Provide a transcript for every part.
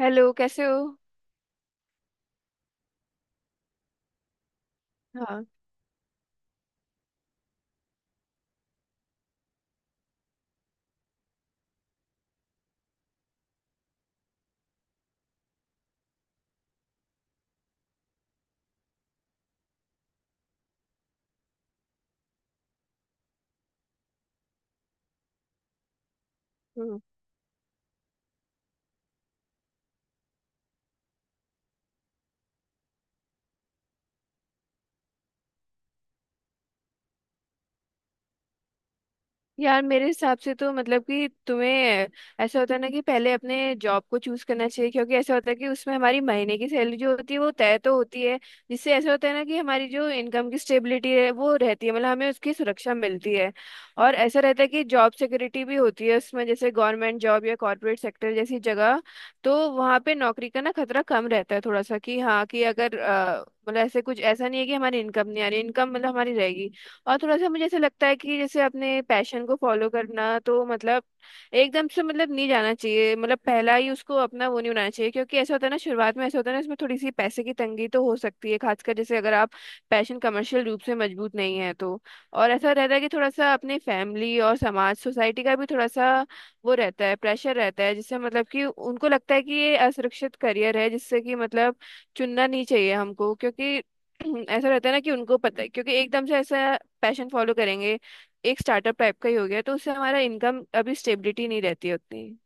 Hello, कैसे हो? हाँ। हम्म। यार, मेरे हिसाब से तो मतलब कि तुम्हें ऐसा होता है ना कि पहले अपने जॉब को चूज करना चाहिए, क्योंकि ऐसा होता है कि उसमें हमारी महीने की सैलरी जो होती है वो तय तो होती है। जिससे ऐसा होता है ना कि हमारी जो इनकम की स्टेबिलिटी है वो रहती है, मतलब हमें उसकी सुरक्षा मिलती है। और ऐसा रहता है कि जॉब सिक्योरिटी भी होती है उसमें, जैसे गवर्नमेंट जॉब या कॉरपोरेट सेक्टर जैसी जगह। तो वहाँ पे नौकरी का ना खतरा कम रहता है थोड़ा सा, कि हाँ कि अगर मतलब ऐसे कुछ ऐसा नहीं है कि हमारी इनकम नहीं आ रही, इनकम मतलब हमारी रहेगी। और थोड़ा सा मुझे ऐसा लगता है कि जैसे अपने पैशन को फॉलो करना तो मतलब एकदम से मतलब नहीं जाना चाहिए, मतलब पहला ही उसको अपना वो नहीं बनाना चाहिए। क्योंकि ऐसा होता है ना, शुरुआत में ऐसा होता है ना इसमें थोड़ी सी पैसे की तंगी तो हो सकती है, खासकर जैसे अगर आप पैशन कमर्शियल रूप से मजबूत नहीं है तो। और ऐसा रहता है कि थोड़ा सा अपने फैमिली और समाज सोसाइटी का भी थोड़ा सा वो रहता है, प्रेशर रहता है, जिससे मतलब कि उनको लगता है कि ये असुरक्षित करियर है, जिससे कि मतलब चुनना नहीं चाहिए हमको। क्योंकि ऐसा रहता है ना कि उनको पता है क्योंकि एकदम से ऐसा पैशन फॉलो करेंगे, एक स्टार्टअप टाइप का ही हो गया तो उससे हमारा इनकम अभी स्टेबिलिटी नहीं रहती है उतनी।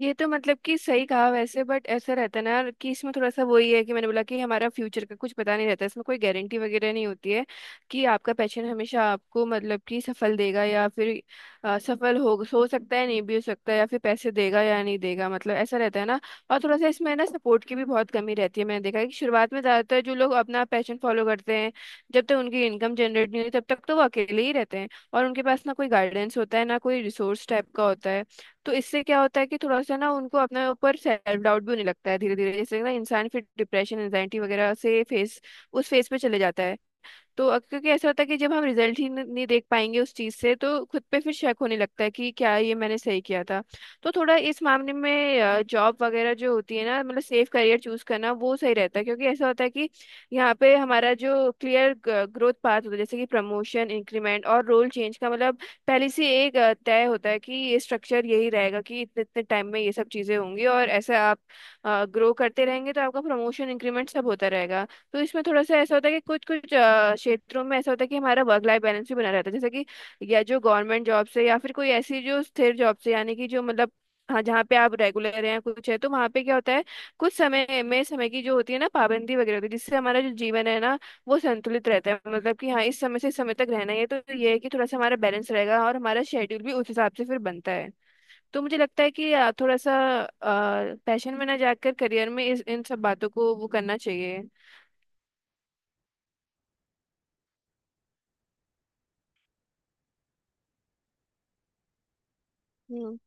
ये तो मतलब कि सही कहा वैसे, बट ऐसा रहता है ना कि इसमें थोड़ा सा वही है कि मैंने बोला कि हमारा फ्यूचर का कुछ पता नहीं रहता, इसमें कोई गारंटी वगैरह नहीं होती है कि आपका पैशन हमेशा आपको मतलब कि सफल देगा या फिर सफल हो सकता है नहीं भी हो सकता है, या फिर पैसे देगा या नहीं देगा, मतलब ऐसा रहता है ना। और थोड़ा सा इसमें ना सपोर्ट की भी बहुत कमी रहती है। मैंने देखा है कि शुरुआत में ज़्यादातर जो लोग अपना पैशन फॉलो करते हैं जब तक उनकी इनकम जनरेट नहीं होती तब तक तो वो अकेले ही रहते हैं। और उनके पास ना कोई गाइडेंस होता है ना कोई रिसोर्स टाइप का होता है। तो इससे क्या होता है कि थोड़ा सा ना उनको अपने ऊपर सेल्फ डाउट भी होने लगता है धीरे धीरे, जैसे ना इंसान फिर डिप्रेशन एंजाइटी वगैरह से फेस उस फेस पे चले जाता है। तो क्योंकि ऐसा होता है कि जब हम रिजल्ट ही नहीं देख पाएंगे उस चीज से तो खुद पे फिर शक होने लगता है कि क्या ये मैंने सही किया था। तो थोड़ा इस मामले में जॉब वगैरह जो होती है ना, मतलब सेफ करियर चूज करना वो सही रहता है, क्योंकि ऐसा होता है कि यहाँ पे हमारा जो क्लियर ग्रोथ पाथ होता है जैसे कि प्रमोशन, इंक्रीमेंट और रोल चेंज का मतलब पहले से एक तय होता है कि ये स्ट्रक्चर यही रहेगा कि इतने इतने टाइम में ये सब चीजें होंगी और ऐसे आप ग्रो करते रहेंगे तो आपका प्रमोशन इंक्रीमेंट सब होता रहेगा। तो इसमें थोड़ा सा ऐसा होता है कि कुछ कुछ क्षेत्रों में ऐसा होता है कि हमारा वर्क लाइफ बैलेंस भी बना रहता है, जैसे कि या जो गवर्नमेंट जॉब से या फिर कोई ऐसी जो स्थिर जॉब से, यानी कि जो मतलब हाँ जहाँ पे आप रेगुलर हैं कुछ है तो वहाँ पे क्या होता है कुछ समय में समय की जो होती है ना पाबंदी वगैरह होती है जिससे हमारा जो जीवन है ना वो संतुलित रहता है, मतलब कि हाँ इस समय से इस समय तक रहना ही है तो ये है कि थोड़ा सा हमारा बैलेंस रहेगा और हमारा शेड्यूल भी उस हिसाब से फिर बनता है। तो मुझे लगता है कि थोड़ा सा पैशन में ना जाकर करियर में इस इन सब बातों को वो करना चाहिए। हम्म।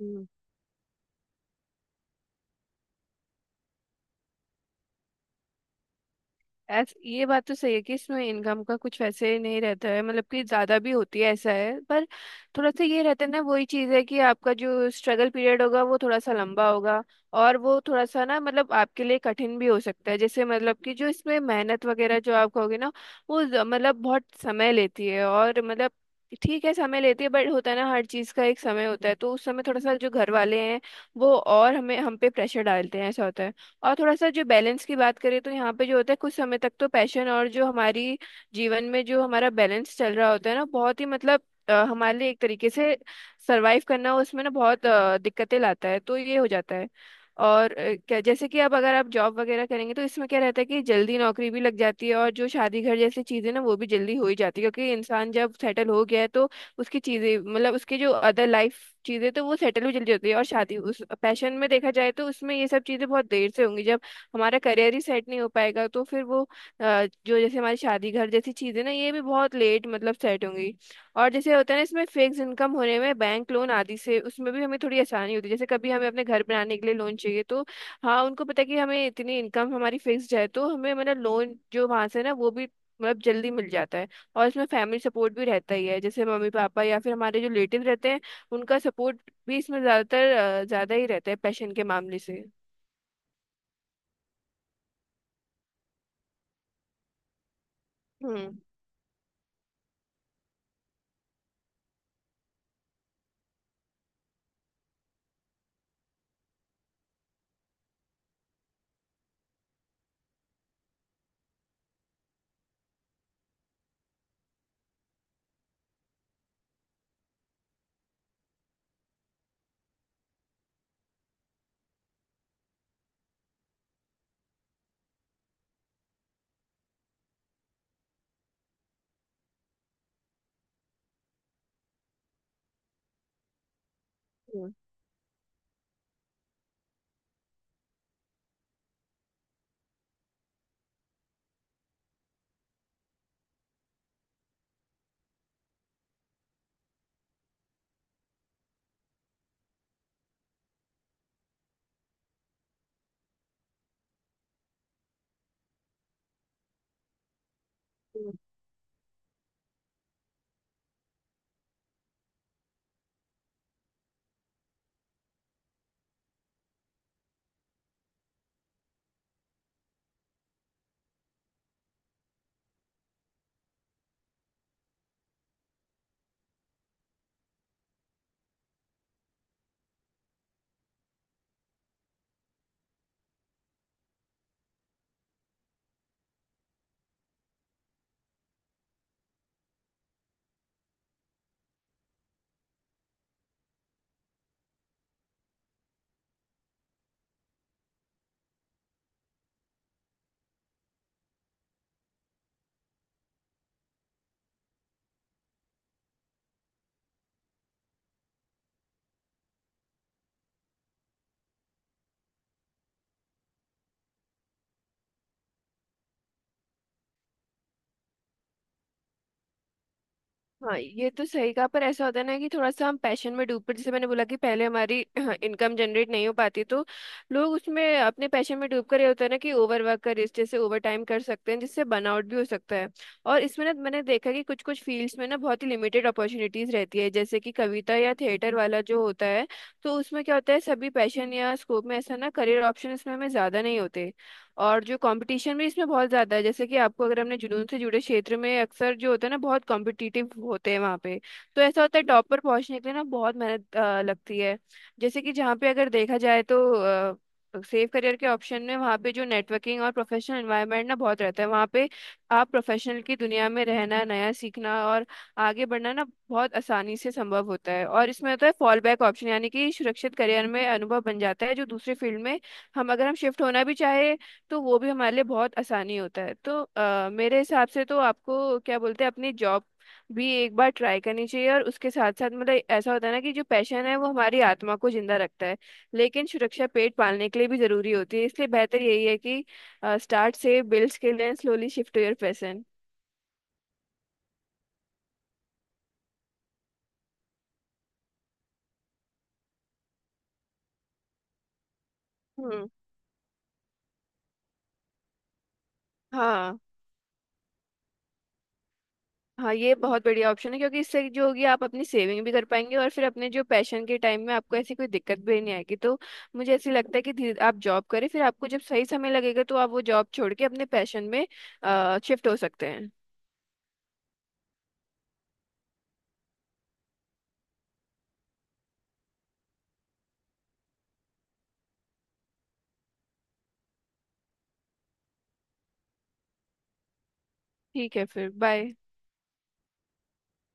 हम्म, ऐस ये बात तो सही है कि इसमें इनकम का कुछ वैसे नहीं रहता है मतलब कि ज्यादा भी होती है ऐसा है, पर थोड़ा सा ये रहता है ना वही चीज है कि आपका जो स्ट्रगल पीरियड होगा वो थोड़ा सा लंबा होगा। और वो थोड़ा सा ना मतलब आपके लिए कठिन भी हो सकता है, जैसे मतलब कि जो इसमें मेहनत वगैरह जो आप कहोगे ना वो मतलब बहुत समय लेती है और मतलब ठीक है समय लेती है, बट होता है ना हर चीज का एक समय होता है। तो उस समय थोड़ा सा जो घर वाले हैं वो और हमें हम पे प्रेशर डालते हैं, ऐसा होता है। और थोड़ा सा जो बैलेंस की बात करें तो यहाँ पे जो होता है कुछ समय तक तो पैशन और जो हमारी जीवन में जो हमारा बैलेंस चल रहा होता है ना बहुत ही मतलब हमारे लिए एक तरीके से सरवाइव करना उसमें ना बहुत दिक्कतें लाता है, तो ये हो जाता है। और क्या जैसे कि अब अगर आप जॉब वगैरह करेंगे तो इसमें क्या रहता है कि जल्दी नौकरी भी लग जाती है और जो शादी घर जैसी चीजें ना वो भी जल्दी हो ही जाती है, क्योंकि इंसान जब सेटल हो गया है तो उसकी चीजें मतलब उसकी जो अदर लाइफ चीजें तो वो सेटल भी जल्दी होती है। और शादी उस पैशन में देखा जाए तो उसमें ये सब चीजें बहुत देर से होंगी, जब हमारा करियर ही सेट नहीं हो पाएगा तो फिर वो जो जैसे हमारी शादी घर जैसी चीजें ना ये भी बहुत लेट मतलब सेट होंगी। और जैसे होता है ना इसमें फिक्स इनकम होने में बैंक लोन आदि से उसमें भी हमें थोड़ी आसानी होती है, जैसे कभी हमें अपने घर बनाने के लिए लोन चाहिए तो हाँ उनको पता है कि हमें इतनी इनकम हमारी फिक्स्ड है तो हमें मतलब लोन जो वहां से ना वो भी मतलब जल्दी मिल जाता है। और इसमें फैमिली सपोर्ट भी रहता ही है, जैसे मम्मी पापा या फिर हमारे जो रिलेटिव रहते हैं उनका सपोर्ट भी इसमें ज्यादातर ज्यादा ही रहता है पैशन के मामले से। हम्म। हम्म। हाँ, ये तो सही कहा, पर ऐसा होता है ना कि थोड़ा सा हम पैशन में डूब पड़े, जैसे मैंने बोला कि पहले हमारी इनकम जनरेट नहीं हो पाती तो लोग उसमें अपने पैशन में डूब कर ये होता है ना कि ओवर वर्क कर इस जैसे ओवर टाइम कर सकते हैं जिससे बर्नआउट भी हो सकता है। और इसमें ना मैंने देखा कि कुछ कुछ फील्ड्स में ना बहुत ही लिमिटेड अपॉर्चुनिटीज रहती है, जैसे कि कविता या थिएटर वाला जो होता है, तो उसमें क्या होता है सभी पैशन या स्कोप में ऐसा ना करियर ऑप्शन इसमें हमें ज्यादा नहीं होते। और जो कंपटीशन भी इसमें बहुत ज़्यादा है, जैसे कि आपको अगर हमने जुनून से जुड़े क्षेत्र में अक्सर जो होता है ना बहुत कॉम्पिटिटिव होते हैं वहाँ पे, तो ऐसा होता है टॉप पर पहुँचने के लिए ना बहुत मेहनत लगती है। जैसे कि जहाँ पे अगर देखा जाए तो सेफ करियर के ऑप्शन में वहाँ पे जो नेटवर्किंग और प्रोफेशनल एनवायरनमेंट ना बहुत रहता है वहाँ पे, आप प्रोफेशनल की दुनिया में रहना, नया सीखना और आगे बढ़ना ना बहुत आसानी से संभव होता है। और इसमें होता है फॉल बैक ऑप्शन, यानी कि सुरक्षित करियर में अनुभव बन जाता है जो दूसरे फील्ड में हम अगर हम शिफ्ट होना भी चाहे तो वो भी हमारे लिए बहुत आसानी होता है। तो मेरे हिसाब से तो आपको क्या बोलते हैं, अपनी जॉब भी एक बार ट्राई करनी चाहिए और उसके साथ साथ मतलब ऐसा होता है ना कि जो पैशन है वो हमारी आत्मा को जिंदा रखता है, लेकिन सुरक्षा पेट पालने के लिए भी जरूरी होती है, इसलिए बेहतर यही है कि स्टार्ट से build skill and slowly shift your passion. Hmm. हाँ। हाँ, ये बहुत बढ़िया ऑप्शन है, क्योंकि इससे जो होगी आप अपनी सेविंग भी कर पाएंगे और फिर अपने जो पैशन के टाइम में आपको ऐसी कोई दिक्कत भी नहीं आएगी, तो मुझे ऐसे लगता है कि धीरे आप जॉब करें फिर आपको जब सही समय लगेगा तो आप वो जॉब छोड़ के अपने पैशन में शिफ्ट हो सकते हैं। ठीक है, फिर बाय।